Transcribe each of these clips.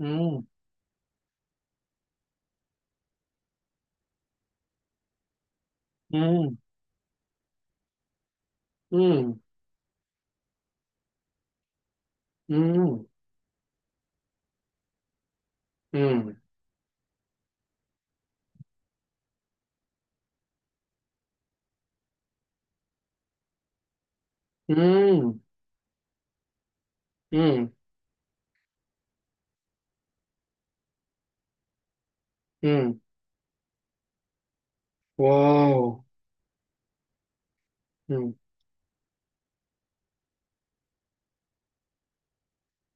음. 음. 음. 음. 음. 음. 음. 음. 와우. 음.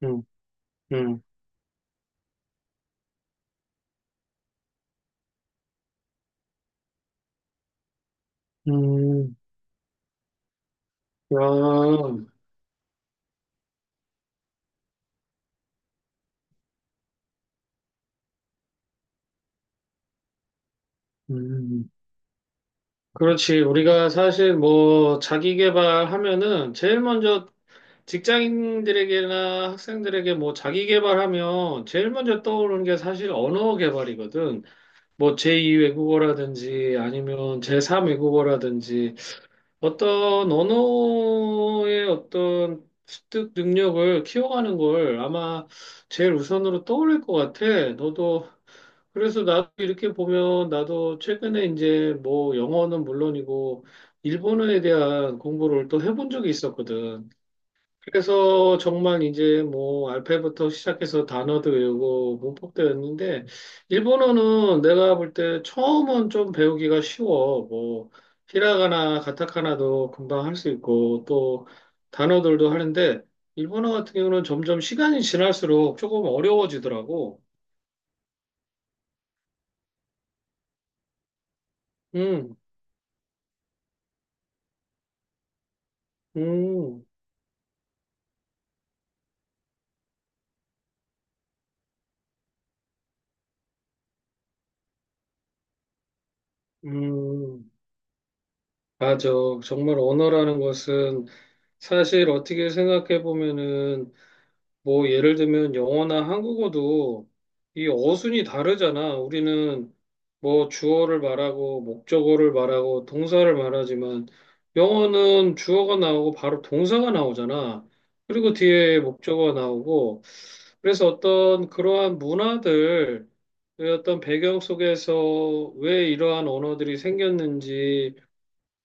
음. 음. 음. 와. 음. 그렇지. 우리가 사실 뭐 자기 개발하면은 제일 먼저 직장인들에게나 학생들에게 뭐 자기 개발하면 제일 먼저 떠오르는 게 사실 언어 개발이거든. 뭐 제2 외국어라든지 아니면 제3 외국어라든지 어떤 언어의 어떤 습득 능력을 키워가는 걸 아마 제일 우선으로 떠올릴 것 같아. 너도, 그래서 나도 이렇게 보면 나도 최근에 이제 뭐 영어는 물론이고 일본어에 대한 공부를 또 해본 적이 있었거든. 그래서 정말 이제 뭐 알파벳부터 시작해서 단어도 외우고 문법도 외웠는데 일본어는 내가 볼 때 처음은 좀 배우기가 쉬워. 뭐 히라가나 가타카나도 금방 할 수 있고 또 단어들도 하는데 일본어 같은 경우는 점점 시간이 지날수록 조금 어려워지더라고. 음. 음. 음. 맞아. 정말 언어라는 것은 사실 어떻게 생각해 보면은 뭐 예를 들면 영어나 한국어도 이 어순이 다르잖아. 우리는 뭐 주어를 말하고 목적어를 말하고 동사를 말하지만 영어는 주어가 나오고 바로 동사가 나오잖아. 그리고 뒤에 목적어가 나오고, 그래서 어떤 그러한 문화들, 어떤 배경 속에서 왜 이러한 언어들이 생겼는지,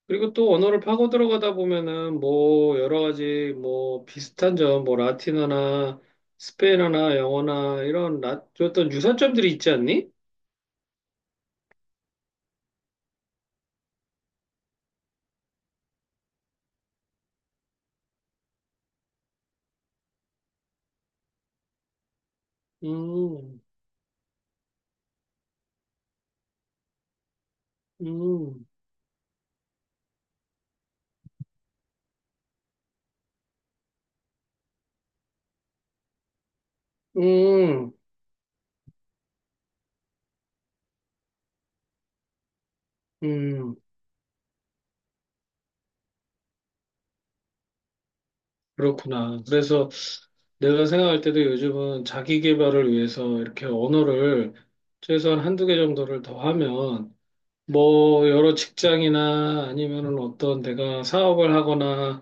그리고 또 언어를 파고 들어가다 보면은 뭐 여러 가지, 뭐 비슷한 점, 뭐 라틴어나 스페인어나 영어나 이런 어떤 유사점들이 있지 않니? 음. 음. 음. 음. 그렇구나. 그래서 내가 생각할 때도 요즘은 자기 개발을 위해서 이렇게 언어를 최소한 한 두 개 정도를 더 하면 뭐 여러 직장이나 아니면은 어떤 내가 사업을 하거나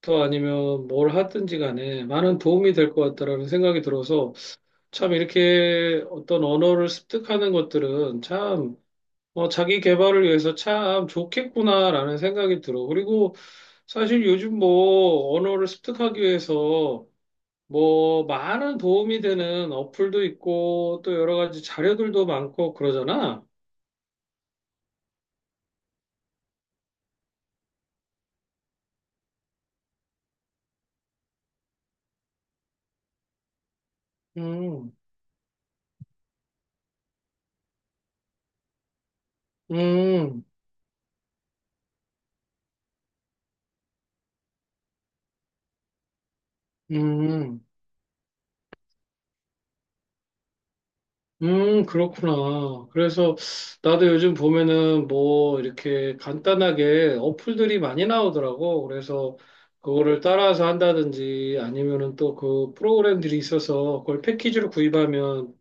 또 아니면 뭘 하든지 간에 많은 도움이 될 것 같다라는 생각이 들어서, 참 이렇게 어떤 언어를 습득하는 것들은 참, 자기 개발을 위해서 참 좋겠구나라는 생각이 들어. 그리고 사실 요즘 뭐 언어를 습득하기 위해서 뭐 많은 도움이 되는 어플도 있고 또 여러 가지 자료들도 많고 그러잖아. 음. 음. 음. 음. 그렇구나. 그래서 나도 요즘 보면은 뭐 이렇게 간단하게 어플들이 많이 나오더라고. 그래서 그거를 따라서 한다든지 아니면은 또 그 프로그램들이 있어서 그걸 패키지로 구입하면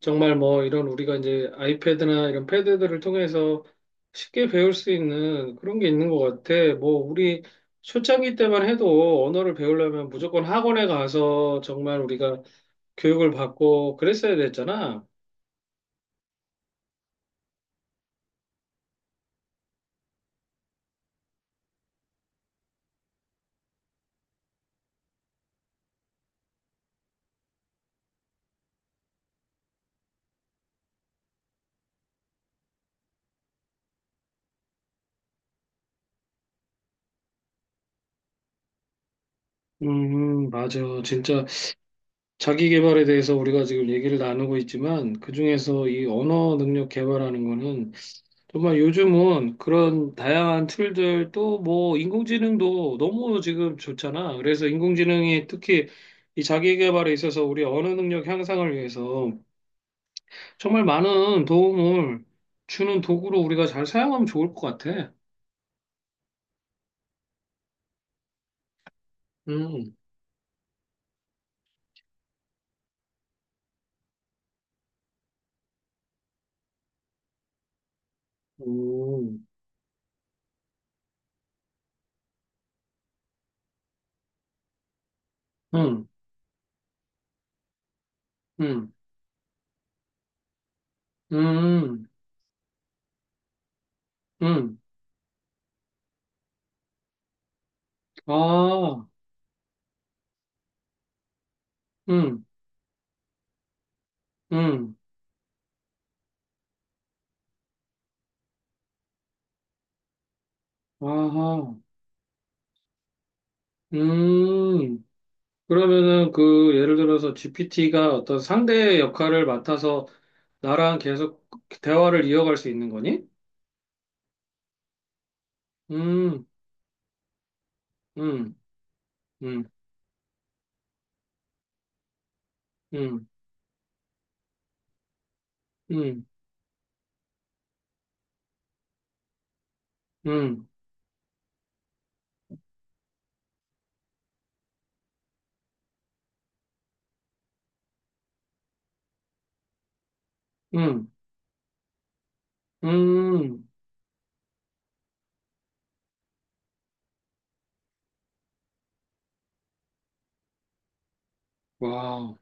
정말 뭐 이런, 우리가 이제 아이패드나 이런 패드들을 통해서 쉽게 배울 수 있는 그런 게 있는 것 같아. 뭐 우리 초창기 때만 해도 언어를 배우려면 무조건 학원에 가서 정말 우리가 교육을 받고 그랬어야 됐잖아. 음. 맞아. 진짜 자기 개발에 대해서 우리가 지금 얘기를 나누고 있지만 그중에서 이 언어 능력 개발하는 거는 정말 요즘은 그런 다양한 툴들, 또 뭐 인공지능도 너무 지금 좋잖아. 그래서 인공지능이 특히 이 자기 개발에 있어서 우리 언어 능력 향상을 위해서 정말 많은 도움을 주는 도구로 우리가 잘 사용하면 좋을 것 같아. 음. 음. 음. 음. 음. 음. 아. 음. 음. 아하. 음. 그러면은 그 예를 들어서 GPT가 어떤 상대의 역할을 맡아서 나랑 계속 대화를 이어갈 수 있는 거니? 음. 음. 음. 음. 음. 음. 음. 음. 와.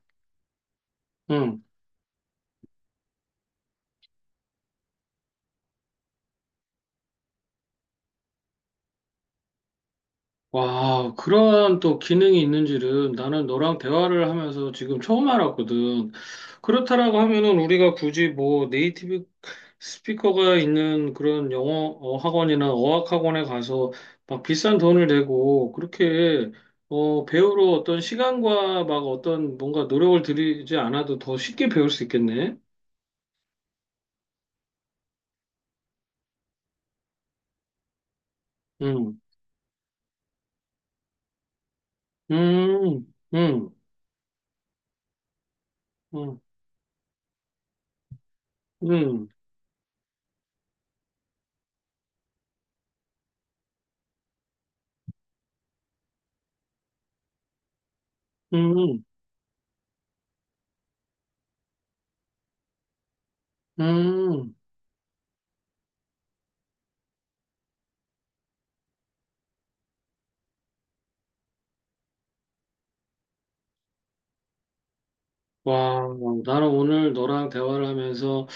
와, 그런 또 기능이 있는 줄은 나는 너랑 대화를 하면서 지금 처음 알았거든. 그렇다라고 하면은 우리가 굳이 뭐 네이티브 스피커가 있는 그런 영어 학원이나 어학 학원에 가서 막 비싼 돈을 내고 그렇게 배우러 어떤 시간과 막 어떤 뭔가 노력을 들이지 않아도 더 쉽게 배울 수 있겠네. 음. 음. 음. 음. 음. 음. 음. 음. 와, 나는 오늘 너랑 대화를 하면서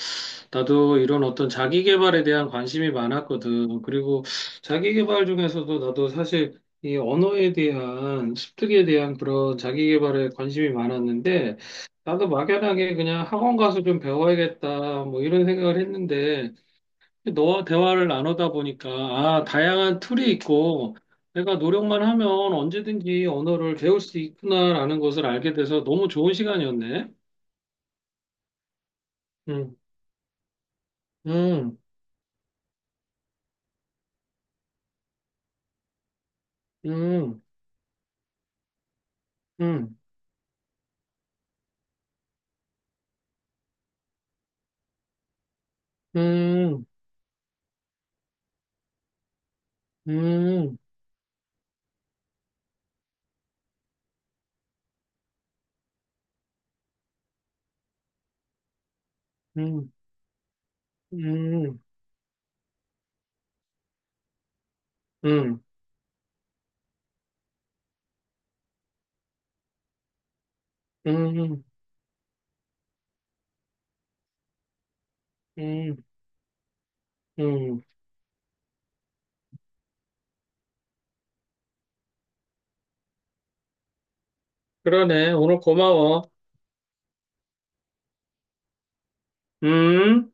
나도 이런 어떤 자기 개발에 대한 관심이 많았거든. 그리고 자기 개발 중에서도 나도 사실 이 언어에 대한 습득에 대한 그런 자기 개발에 관심이 많았는데, 나도 막연하게 그냥 학원 가서 좀 배워야겠다, 뭐 이런 생각을 했는데 너와 대화를 나누다 보니까 아, 다양한 툴이 있고 내가 노력만 하면 언제든지 언어를 배울 수 있구나라는 것을 알게 돼서 너무 좋은 시간이었네. 음. 음. 음. 음. 음. 음. 음. 음. 음. 음. 음. 음. 그러네. 오늘 고마워. 음.